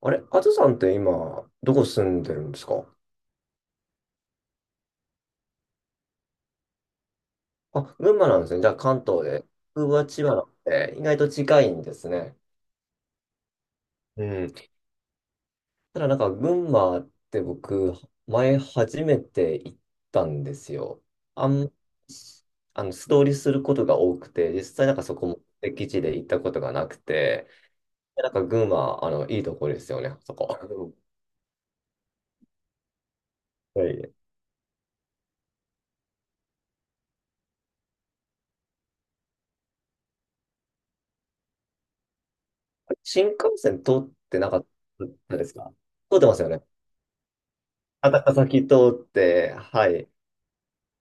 あれ、あずさんって今、どこ住んでるんですか？あ、群馬なんですね。じゃあ関東で。僕は千葉なんで、意外と近いんですね。うん。ただ群馬って僕、前初めて行ったんですよ。あん、素通りすることが多くて、実際そこも敵地で行ったことがなくて、群馬、いいところですよね、そこ。うん、はい。新幹線通ってなかったですか？通ってますよね。高崎通って、はい。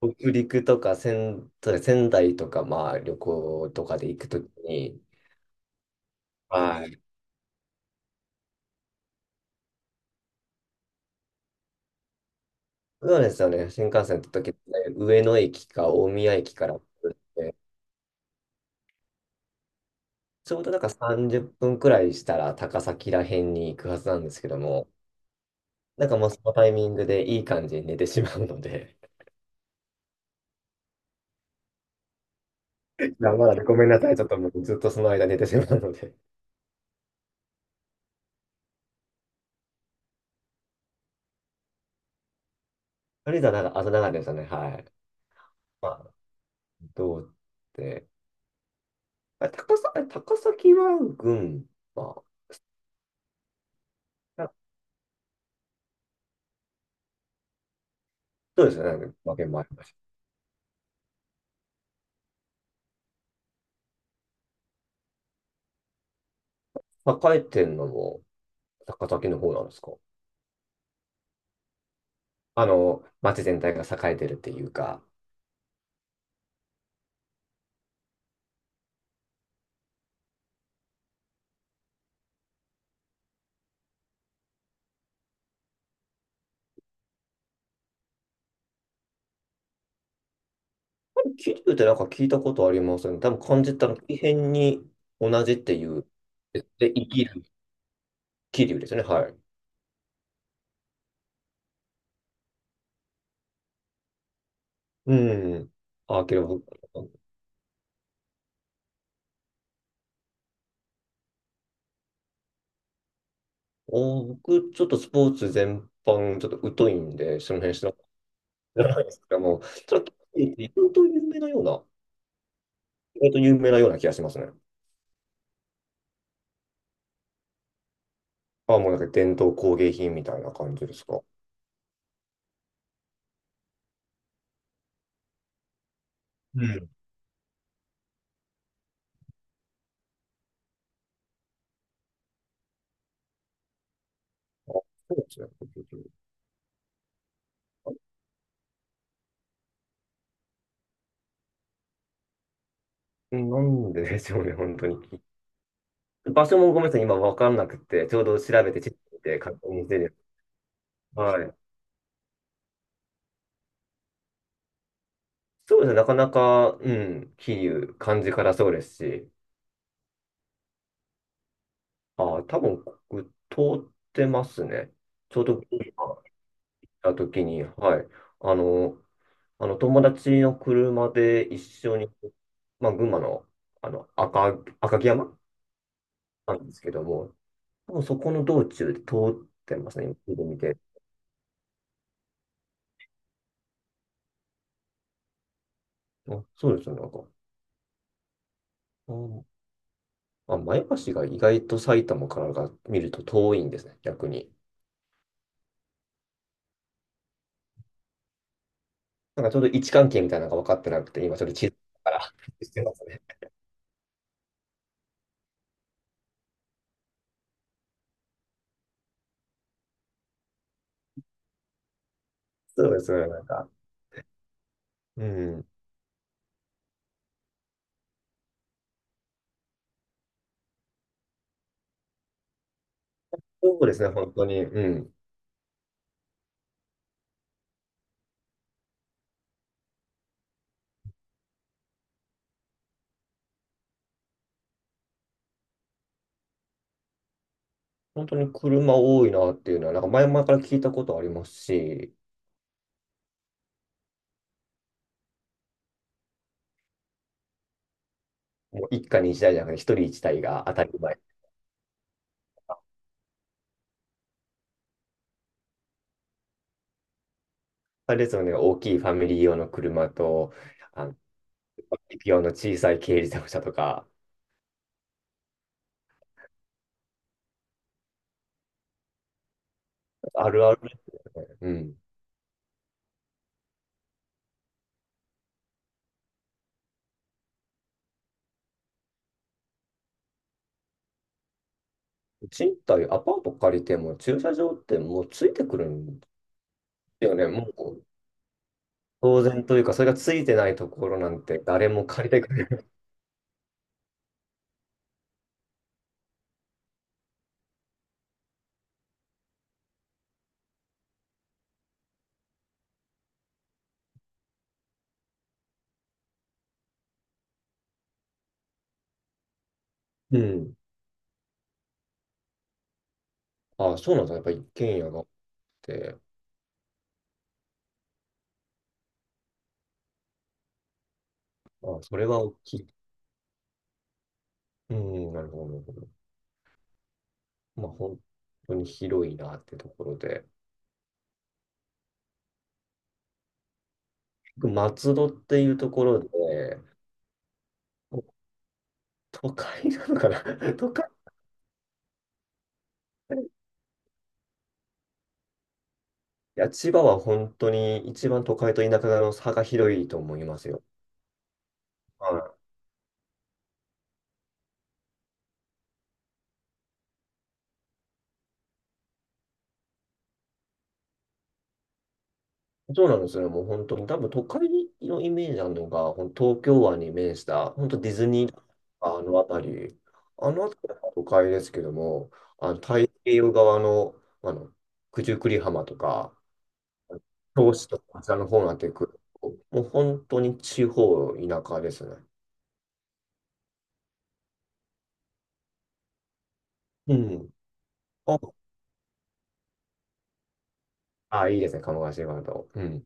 北陸とか仙台とか、まあ旅行とかで行くときに、はい。そうですよね。新幹線の時って上野駅か大宮駅から来るんで、ちょうど30分くらいしたら高崎ら辺に行くはずなんですけども、もうそのタイミングでいい感じに寝てしまうので、いあまだごめんなさい。ちょっともうずっとその間寝てしまうので。とりあえずは朝長いですよね。はい。まあ、どうって。あ、高さ、あれ高崎湾郡は群馬。あ、そうですよね。負けもありました。栄えてんのも高崎の方なんですか？あの、町全体が栄えてるっていうか。あれ、桐生って聞いたことありますよね。多分漢字ってあの、異変に同じっていう。で、で生きる桐生ですね。はい。うん。あ、けど、お、僕、ちょっとスポーツ全般、ちょっと疎いんで、その辺知らないですけども、それは、桐生って意外と有名なような気がしますね。あ、もう伝統工芸品みたいな感じですか。あ、うん。そうですね。なんででしょうね、本当に。場所もごめんなさい、今わかんなくて、ちょうど調べて、地図見て確認してる。はい。そうですね、なかなか、うん、桐生、漢字からそうですし、ああ、多分、通ってますね。ちょうど今、行った時に、はい。あの、あの友達の車で一緒に、まあ、群馬の、あの赤、赤城山なんですけども、もうそこの道中で通ってますね、今、見て。あ、そうですよ、なんか。うん。あ、前橋が意外と埼玉からが見ると遠いんですね、逆に。ちょうど位置関係みたいなのが分かってなくて、今ちょっと地図から してますね。そうですね、なんか。うん。そうですね、本当に。うん。本当に車多いなっていうのは、前々から聞いたことありますし、もう一家に一台じゃなくて、一人一台が当たり前。あれですよね、大きいファミリー用の車と、あの、一匹用の小さい軽自動車とか、あるある。うん。賃貸、アパート借りても駐車場ってもうついてくるんだよね。もう当然というか、それがついてないところなんて誰も借りてくれない。うん。ああ、そうなんだ。やっぱ一軒家があって、ああ、それは大きい。うん、なるほど、なるほど。まあ、本当に広いなってところで。松戸っていうところで、もう都会なのかな。 都会。いや、千葉は本当に一番都会と田舎の差が広いと思いますよ。はい。そうなんですよね。もう本当に、多分都会のイメージなのが、ほん東京湾に面した、本当ディズニーあの辺り、あの辺りは都会ですけども、あの太平洋側の、あの九十九里浜とか、銚子とか、あちらの方になってくると、もう本当に地方、田舎ですね。うん。あ、あ、いいですね、鴨川シーワールド。うん。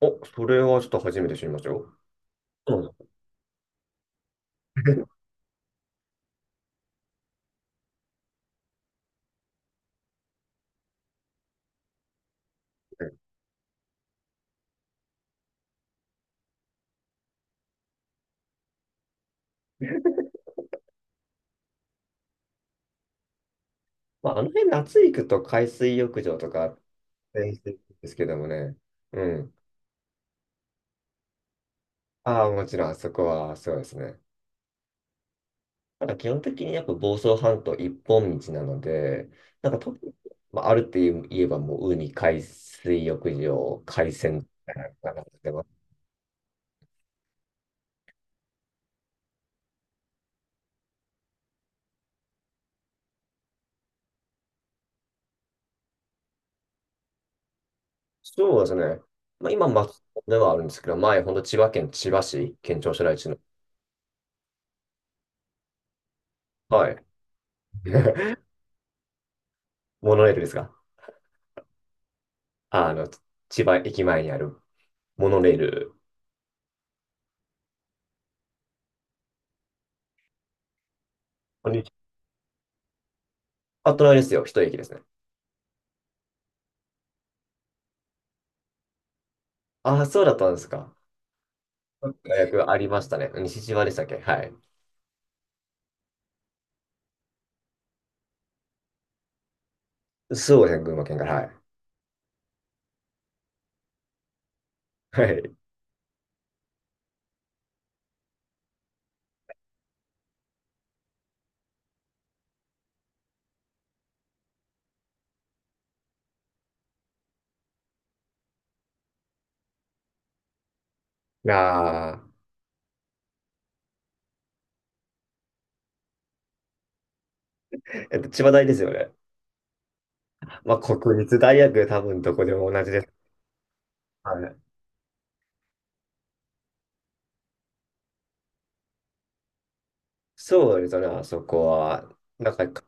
お、それはちょっと初めて知りましたよ。そうなんです。 まあ、あの辺夏行くと海水浴場とか全然ですけどもね。うん。ああ、もちろん、あそこは、そうですね。ただ、基本的にやっぱ房総半島一本道なので、特に、まあ、あるって言えば、もう、ウニ、海水浴場、海鮮みたいなのが出ます。そうですね。まあ、今、松本ではあるんですけど、前、本当千葉県千葉市、県庁所在地の、はい、モノレールですが、あの、千葉駅前にあるモノレール。こんにちはあ、隣ですよ、一駅ですね。ああ、そうだったんですか。大学ありましたね。西千葉でしたっけ、はい。そうですね、群馬県から。はい。はい。なあ、えっと、千葉大ですよね。まあ、国立大学、多分どこでも同じです。はい。そうですね、あそこは。なんか、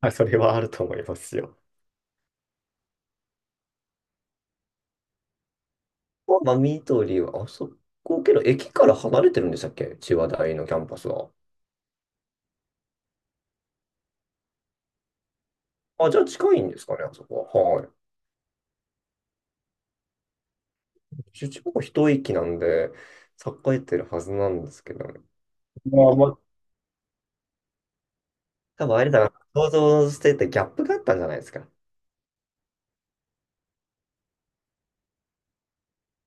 はい、それはあると思いますよ。まあ、緑は、あそこけど、駅から離れてるんでしたっけ、千葉大のキャンパスは。あ、じゃあ近いんですかね、あそこは。はい。千葉は一駅なんで、栄えてるはずなんですけどね。まあ、まあ多分、有田が想像しててギャップがあったんじゃないですか。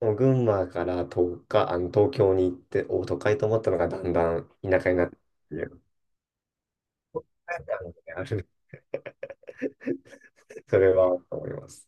もう群馬から東か、あの東京に行って、お、都会と思ったのがだんだん田舎になってっていう。あるんでそれは思います。